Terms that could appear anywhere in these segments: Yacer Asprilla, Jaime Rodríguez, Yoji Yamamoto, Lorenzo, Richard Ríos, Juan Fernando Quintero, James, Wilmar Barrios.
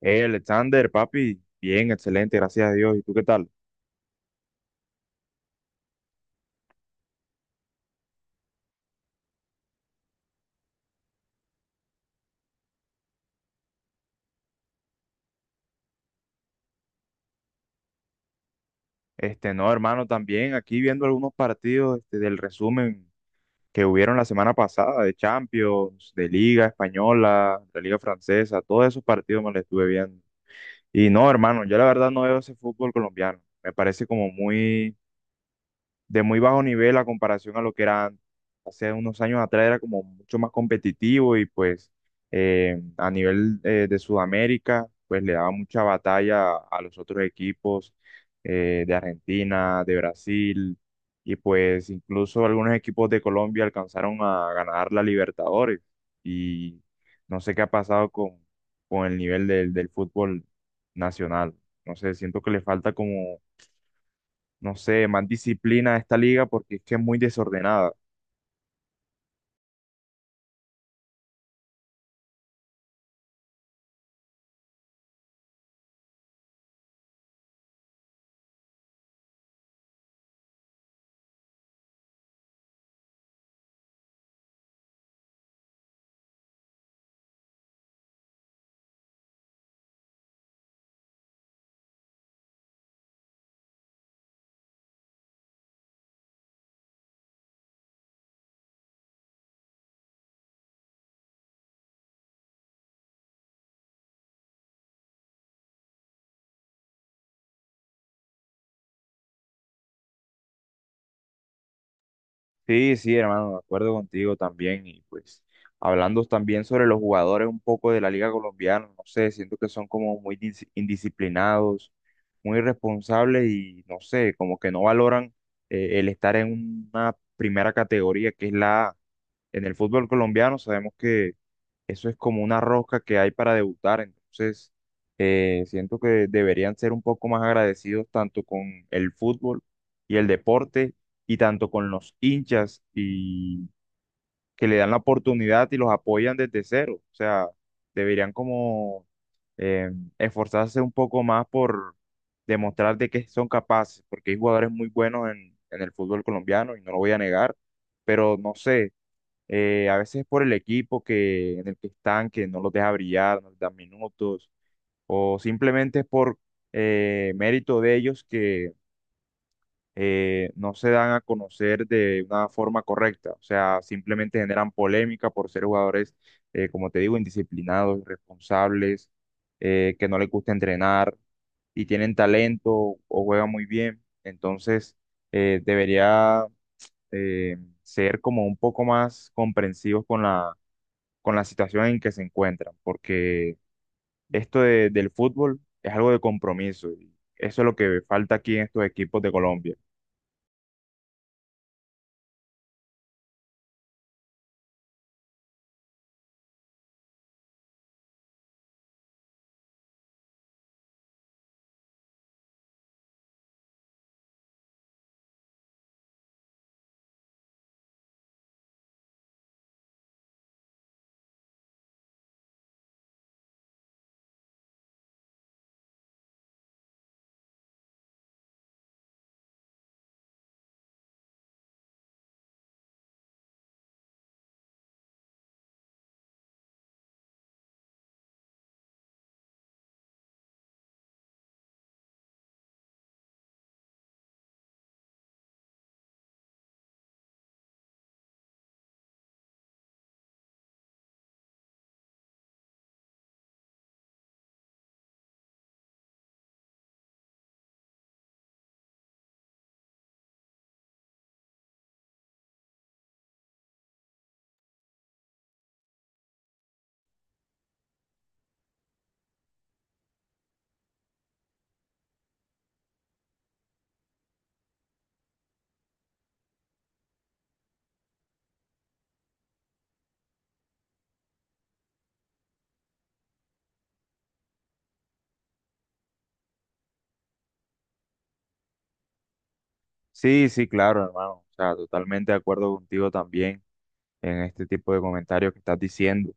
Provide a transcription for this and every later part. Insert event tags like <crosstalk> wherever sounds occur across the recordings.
Hey, Alexander, papi, bien, excelente, gracias a Dios. ¿Y tú qué tal? No, hermano, también aquí viendo algunos partidos del resumen que hubieron la semana pasada de Champions, de Liga Española, de Liga Francesa, todos esos partidos me los estuve viendo. Y no, hermano, yo la verdad no veo ese fútbol colombiano. Me parece como muy de muy bajo nivel a comparación a lo que era antes. Hace unos años atrás, era como mucho más competitivo y pues a nivel de Sudamérica, pues le daba mucha batalla a los otros equipos de Argentina, de Brasil y pues incluso algunos equipos de Colombia alcanzaron a ganar la Libertadores y no sé qué ha pasado con el nivel del fútbol nacional. No sé, siento que le falta como no sé, más disciplina a esta liga porque es que es muy desordenada. Sí, sí, hermano, de acuerdo contigo también. Y pues, hablando también sobre los jugadores un poco de la liga colombiana, no sé, siento que son como muy indisciplinados, muy irresponsables y no sé, como que no valoran el estar en una primera categoría que es la A. En el fútbol colombiano sabemos que eso es como una rosca que hay para debutar, entonces siento que deberían ser un poco más agradecidos tanto con el fútbol y el deporte y tanto con los hinchas y que le dan la oportunidad y los apoyan desde cero. O sea, deberían como eh, esforzarse un poco más por demostrar de qué son capaces, porque hay jugadores muy buenos en el fútbol colombiano y no lo voy a negar, pero no sé a veces por el equipo que, en el que están, que no los deja brillar, no les dan minutos, o simplemente es por mérito de ellos que no se dan a conocer de una forma correcta. O sea, simplemente generan polémica por ser jugadores, como te digo, indisciplinados, irresponsables, que no les gusta entrenar y tienen talento o juegan muy bien. Entonces, debería eh, ser como un poco más comprensivos con la situación en que se encuentran, porque del fútbol es algo de compromiso y eso es lo que falta aquí en estos equipos de Colombia. Sí, sí, claro, hermano, o sea, totalmente de acuerdo contigo también en este tipo de comentarios que estás diciendo.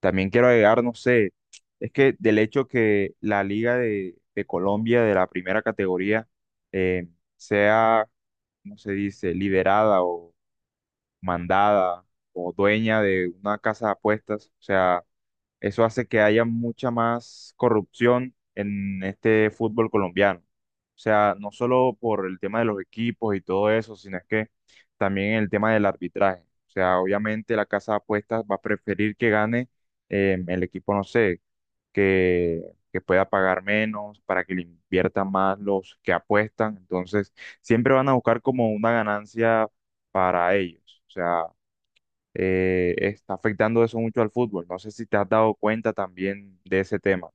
También quiero agregar, no sé, es que del hecho que la Liga de Colombia de la primera categoría eh, sea, ¿cómo se dice? Liderada o mandada o dueña de una casa de apuestas, o sea, eso hace que haya mucha más corrupción en este fútbol colombiano. O sea, no solo por el tema de los equipos y todo eso, sino es que también el tema del arbitraje. O sea, obviamente la casa de apuestas va a preferir que gane el equipo, no sé, que, que pueda pagar menos, para que le inviertan más los que apuestan. Entonces, siempre van a buscar como una ganancia para ellos. O sea, está afectando eso mucho al fútbol. No sé si te has dado cuenta también de ese tema.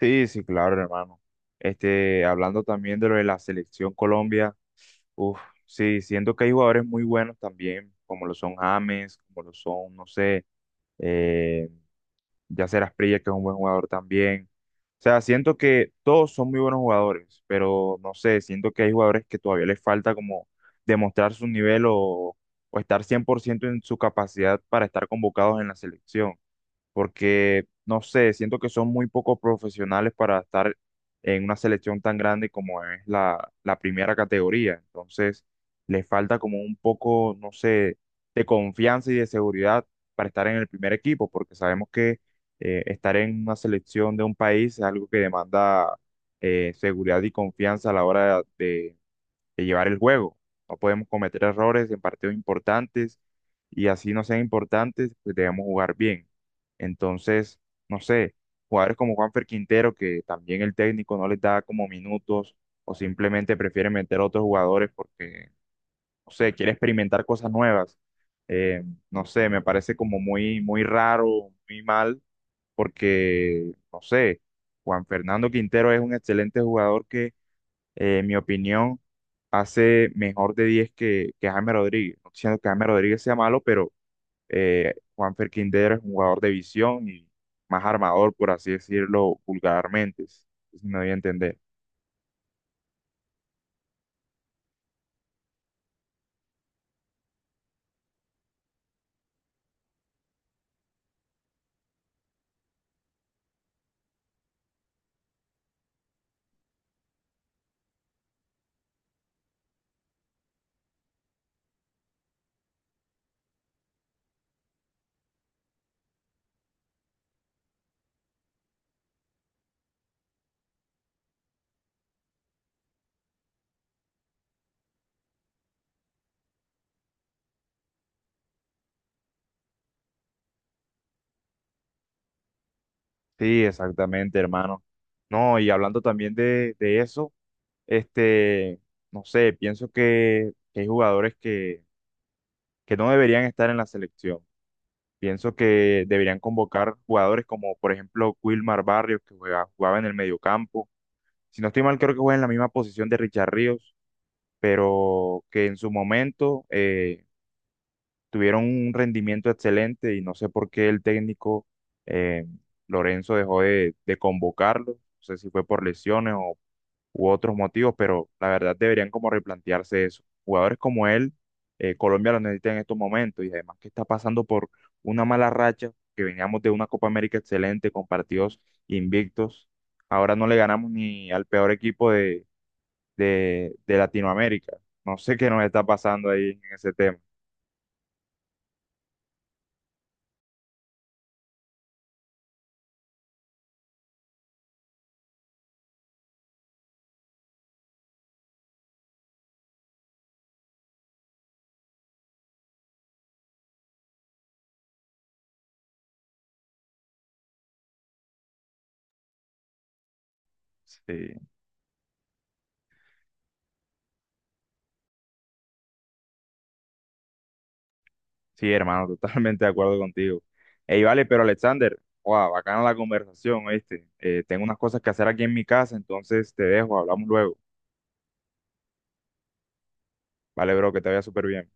Sí, sí, claro, hermano. Hablando también de lo de la selección Colombia, uf, sí, siento que hay jugadores muy buenos también, como lo son James, como lo son, no sé, eh, Yacer Asprilla, que es un buen jugador también. O sea, siento que todos son muy buenos jugadores, pero no sé, siento que hay jugadores que todavía les falta como demostrar su nivel o estar 100% en su capacidad para estar convocados en la selección porque no sé, siento que son muy pocos profesionales para estar en una selección tan grande como es la primera categoría. Entonces, les falta como un poco, no sé, de confianza y de seguridad para estar en el primer equipo, porque sabemos que estar en una selección de un país es algo que demanda seguridad y confianza a la hora de llevar el juego. No podemos cometer errores en partidos importantes y así no sean importantes, pues debemos jugar bien. Entonces, no sé, jugadores como Juanfer Quintero, que también el técnico no les da como minutos o simplemente prefiere meter a otros jugadores porque, no sé, quiere experimentar cosas nuevas. Eh, no sé, me parece como muy, muy raro, muy mal, porque, no sé, Juan Fernando Quintero es un excelente jugador que en mi opinión, hace mejor de 10 que Jaime Rodríguez. No estoy diciendo que Jaime Rodríguez sea malo, pero Juanfer Quintero es un jugador de visión y más armador, por así decirlo, vulgarmente, si me doy a entender. Sí, exactamente, hermano. No, y hablando también de eso, este, no sé, pienso que hay jugadores que no deberían estar en la selección. Pienso que deberían convocar jugadores como, por ejemplo, Wilmar Barrios, que jugaba en el mediocampo, si no estoy mal, creo que juega en la misma posición de Richard Ríos, pero que en su momento tuvieron un rendimiento excelente y no sé por qué el técnico eh, Lorenzo dejó de convocarlo. No sé si fue por lesiones o u otros motivos, pero la verdad deberían como replantearse eso. Jugadores como él, Colombia lo necesita en estos momentos y además que está pasando por una mala racha, que veníamos de una Copa América excelente con partidos invictos. Ahora no le ganamos ni al peor equipo de Latinoamérica. No sé qué nos está pasando ahí en ese tema. Sí, sí, hermano, <laughs> totalmente de acuerdo contigo. Ey, vale, pero Alexander, wow, bacana la conversación, ¿oíste? Tengo unas cosas que hacer aquí en mi casa, entonces te dejo, hablamos luego. Vale, bro, que te vaya súper bien.